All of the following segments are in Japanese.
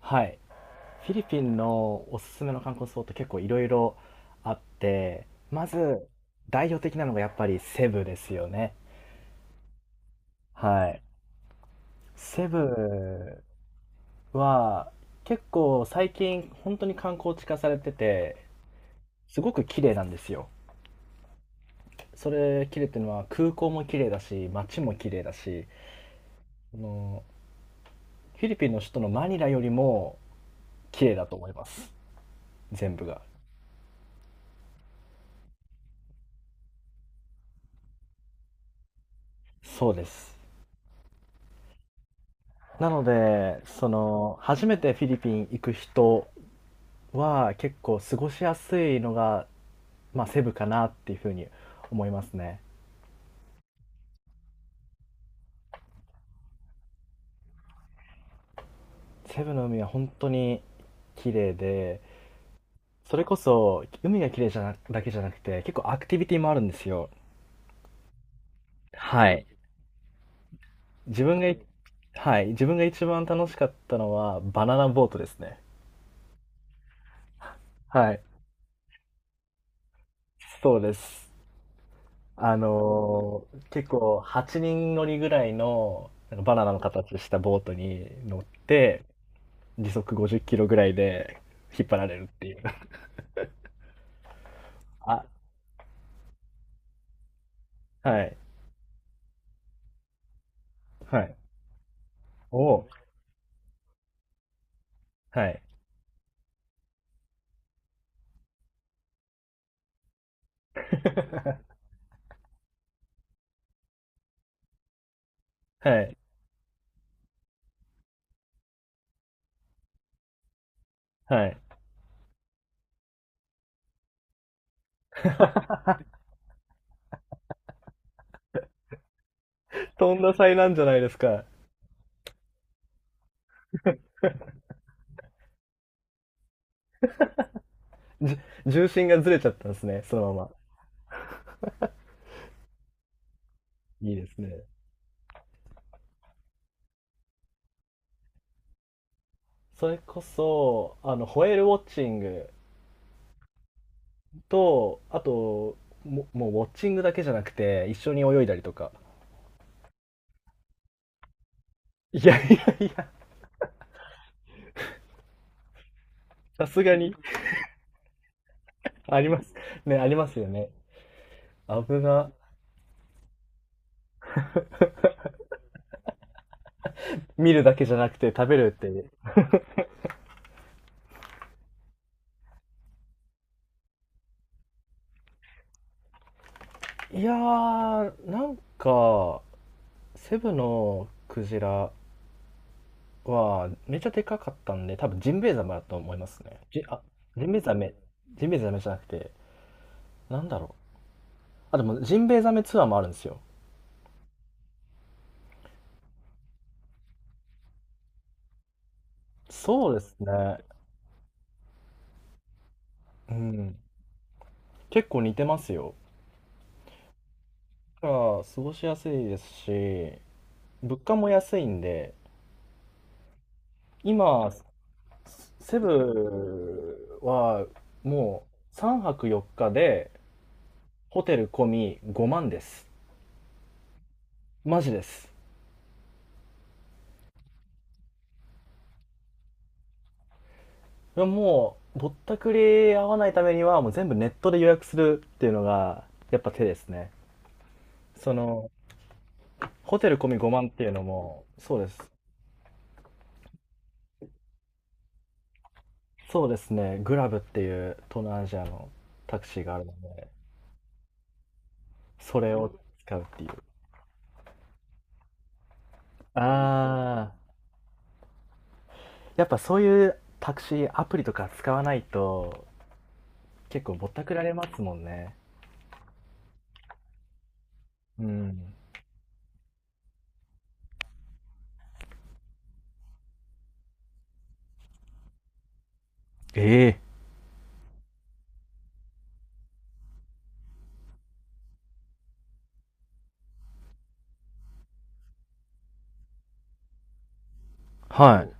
はい。フィリピンのおすすめの観光スポット結構いろいろあって、まず代表的なのがやっぱりセブですよね。はい。セブは結構最近本当に観光地化されてて、すごく綺麗なんですよ。それ綺麗っていうのは空港も綺麗だし、街も綺麗だし、あのフィリピンの首都のマニラよりも綺麗だと思います。全部が。そうです。なので、その、初めてフィリピン行く人は結構過ごしやすいのが、まあ、セブかなっていうふうに思いますね。セブの海は本当に綺麗で、それこそ海が綺麗じゃな、だけじゃなくて、結構アクティビティもあるんですよ。はい。自分がい、はい。自分が一番楽しかったのはバナナボートですね。はい。そうです。結構8人乗りぐらいのなんかバナナの形したボートに乗って、時速50キロぐらいで引っ張られるっていう。あ、はい、はい。おお、はい。はい、はい。とんだ災難じゃないですか。じ、重心がずれちゃったんですね、そのまま。いいですね。それこそ、あの、ホエールウォッチングと、あと、もうウォッチングだけじゃなくて、一緒に泳いだりとか。いやいやいや、さすがに、あります。ね、ありますよね。ブが見るだけじゃなくて食べるって。いやー、なんか、セブのクジラはめっちゃでかかったんで、多分ジンベエザメだと思いますね。あ、ジンベエザメ、ジンベエザメじゃなくて、なんだろう。あ、でもジンベエザメツアーもあるんですよ。そうですね。うん。結構似てますよ。だから、過ごしやすいですし、物価も安いんで、今、セブはもう3泊4日でホテル込み5万です。マジです。いやもうぼったくり合わないためにはもう全部ネットで予約するっていうのがやっぱ手ですね。そのホテル込み5万っていうのもそうです。そうですね。グラブっていう東南アジアのタクシーがあるので、それを使うっていう。ああ、やっぱそういうタクシーアプリとか使わないと結構ぼったくられますもんね。うん。ええー、はい。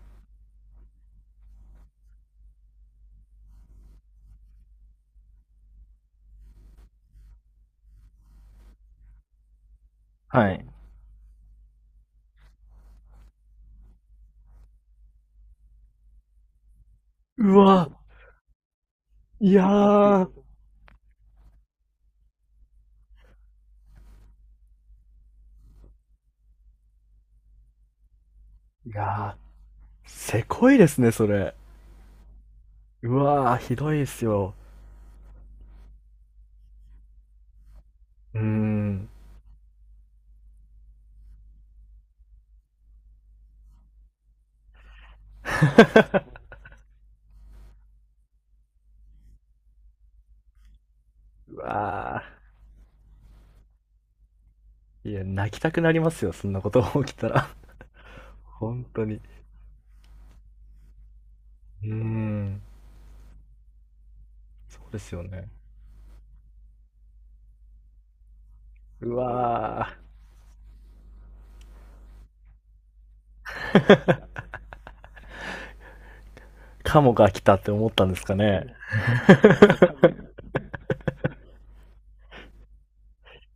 はい。うわ、いやー、いやーせこいですね、それ。うわー、ひどいですよ。うーん。うわー。いや、泣きたくなりますよ、そんなことが起きたら。本当に。うーん。そうですよね。うわー。カモが来たって思ったんですかね。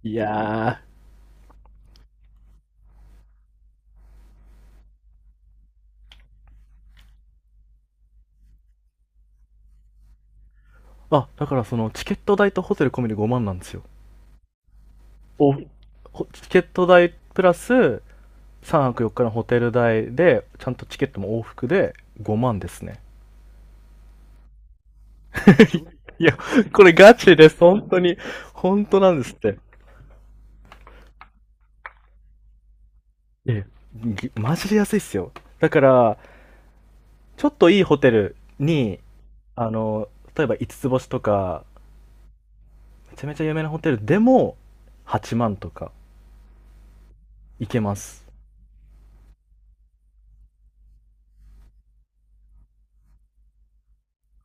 いやー。あ、だからそのチケット代とホテル込みで5万なんですよ。お、チケット代プラス3泊4日のホテル代でちゃんとチケットも往復で5万ですね。いや、これガチです本当に。本当なんですって。ええ、マジで安いっすよ。だから、ちょっといいホテルに、あの、例えば五つ星とか、めちゃめちゃ有名なホテルでも8万とかいけます。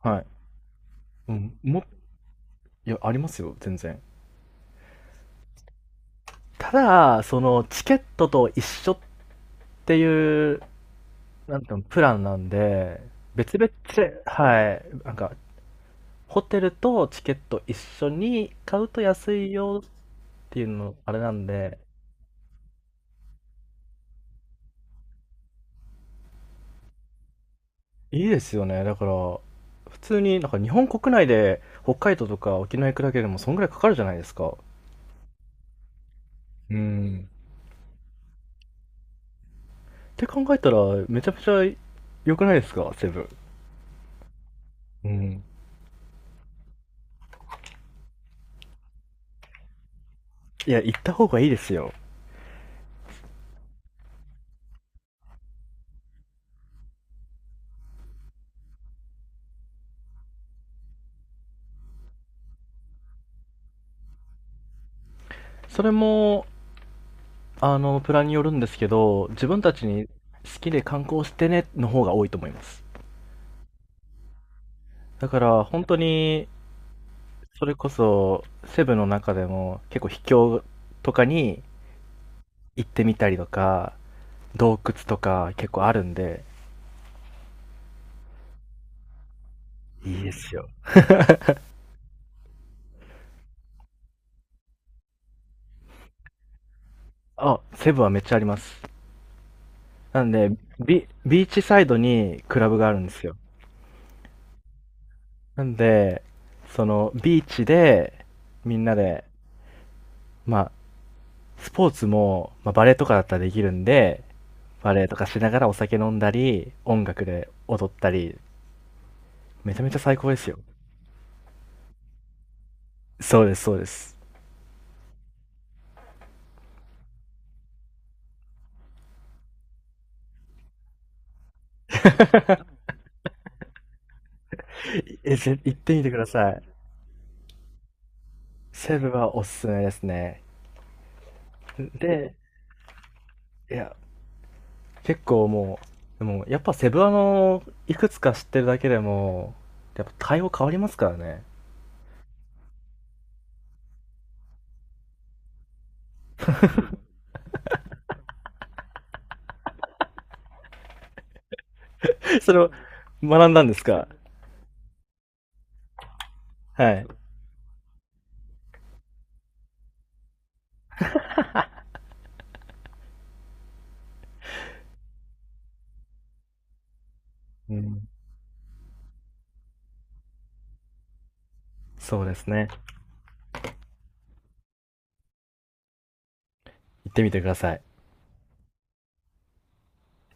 はい、うん、もいや、ありますよ全然。ただ、そのチケットと一緒っていう、なんていうの、プランなんで、別々で、はい、なんか、ホテルとチケット一緒に買うと安いよっていうの、あれなんで、いいですよね。だから、普通になんか日本国内で北海道とか沖縄行くだけでもそんぐらいかかるじゃないですか。うん。って考えたら、めちゃめちゃ良くないですか、セブン。うん。いや、行った方がいいですよ。それも、あの、プランによるんですけど、自分たちに好きで観光してねの方が多いと思います。だから本当にそれこそセブの中でも結構秘境とかに行ってみたりとか、洞窟とか結構あるんで、いいですよ。あ、セブはめっちゃあります。なんで、ビビーチサイドにクラブがあるんですよ。なんで、そのビーチでみんなで、まあスポーツも、まあ、バレエとかだったらできるんで、バレエとかしながらお酒飲んだり音楽で踊ったり、めちゃめちゃ最高ですよ。そうですそうです。え、行ってみてください。セブはおすすめですね。で、いや、結構もう、でもやっぱセブ、あの、いくつか知ってるだけでも、やっぱ対応変わりますからね。それを学んだんですか。はい。うん、そうですね。行ってみてください。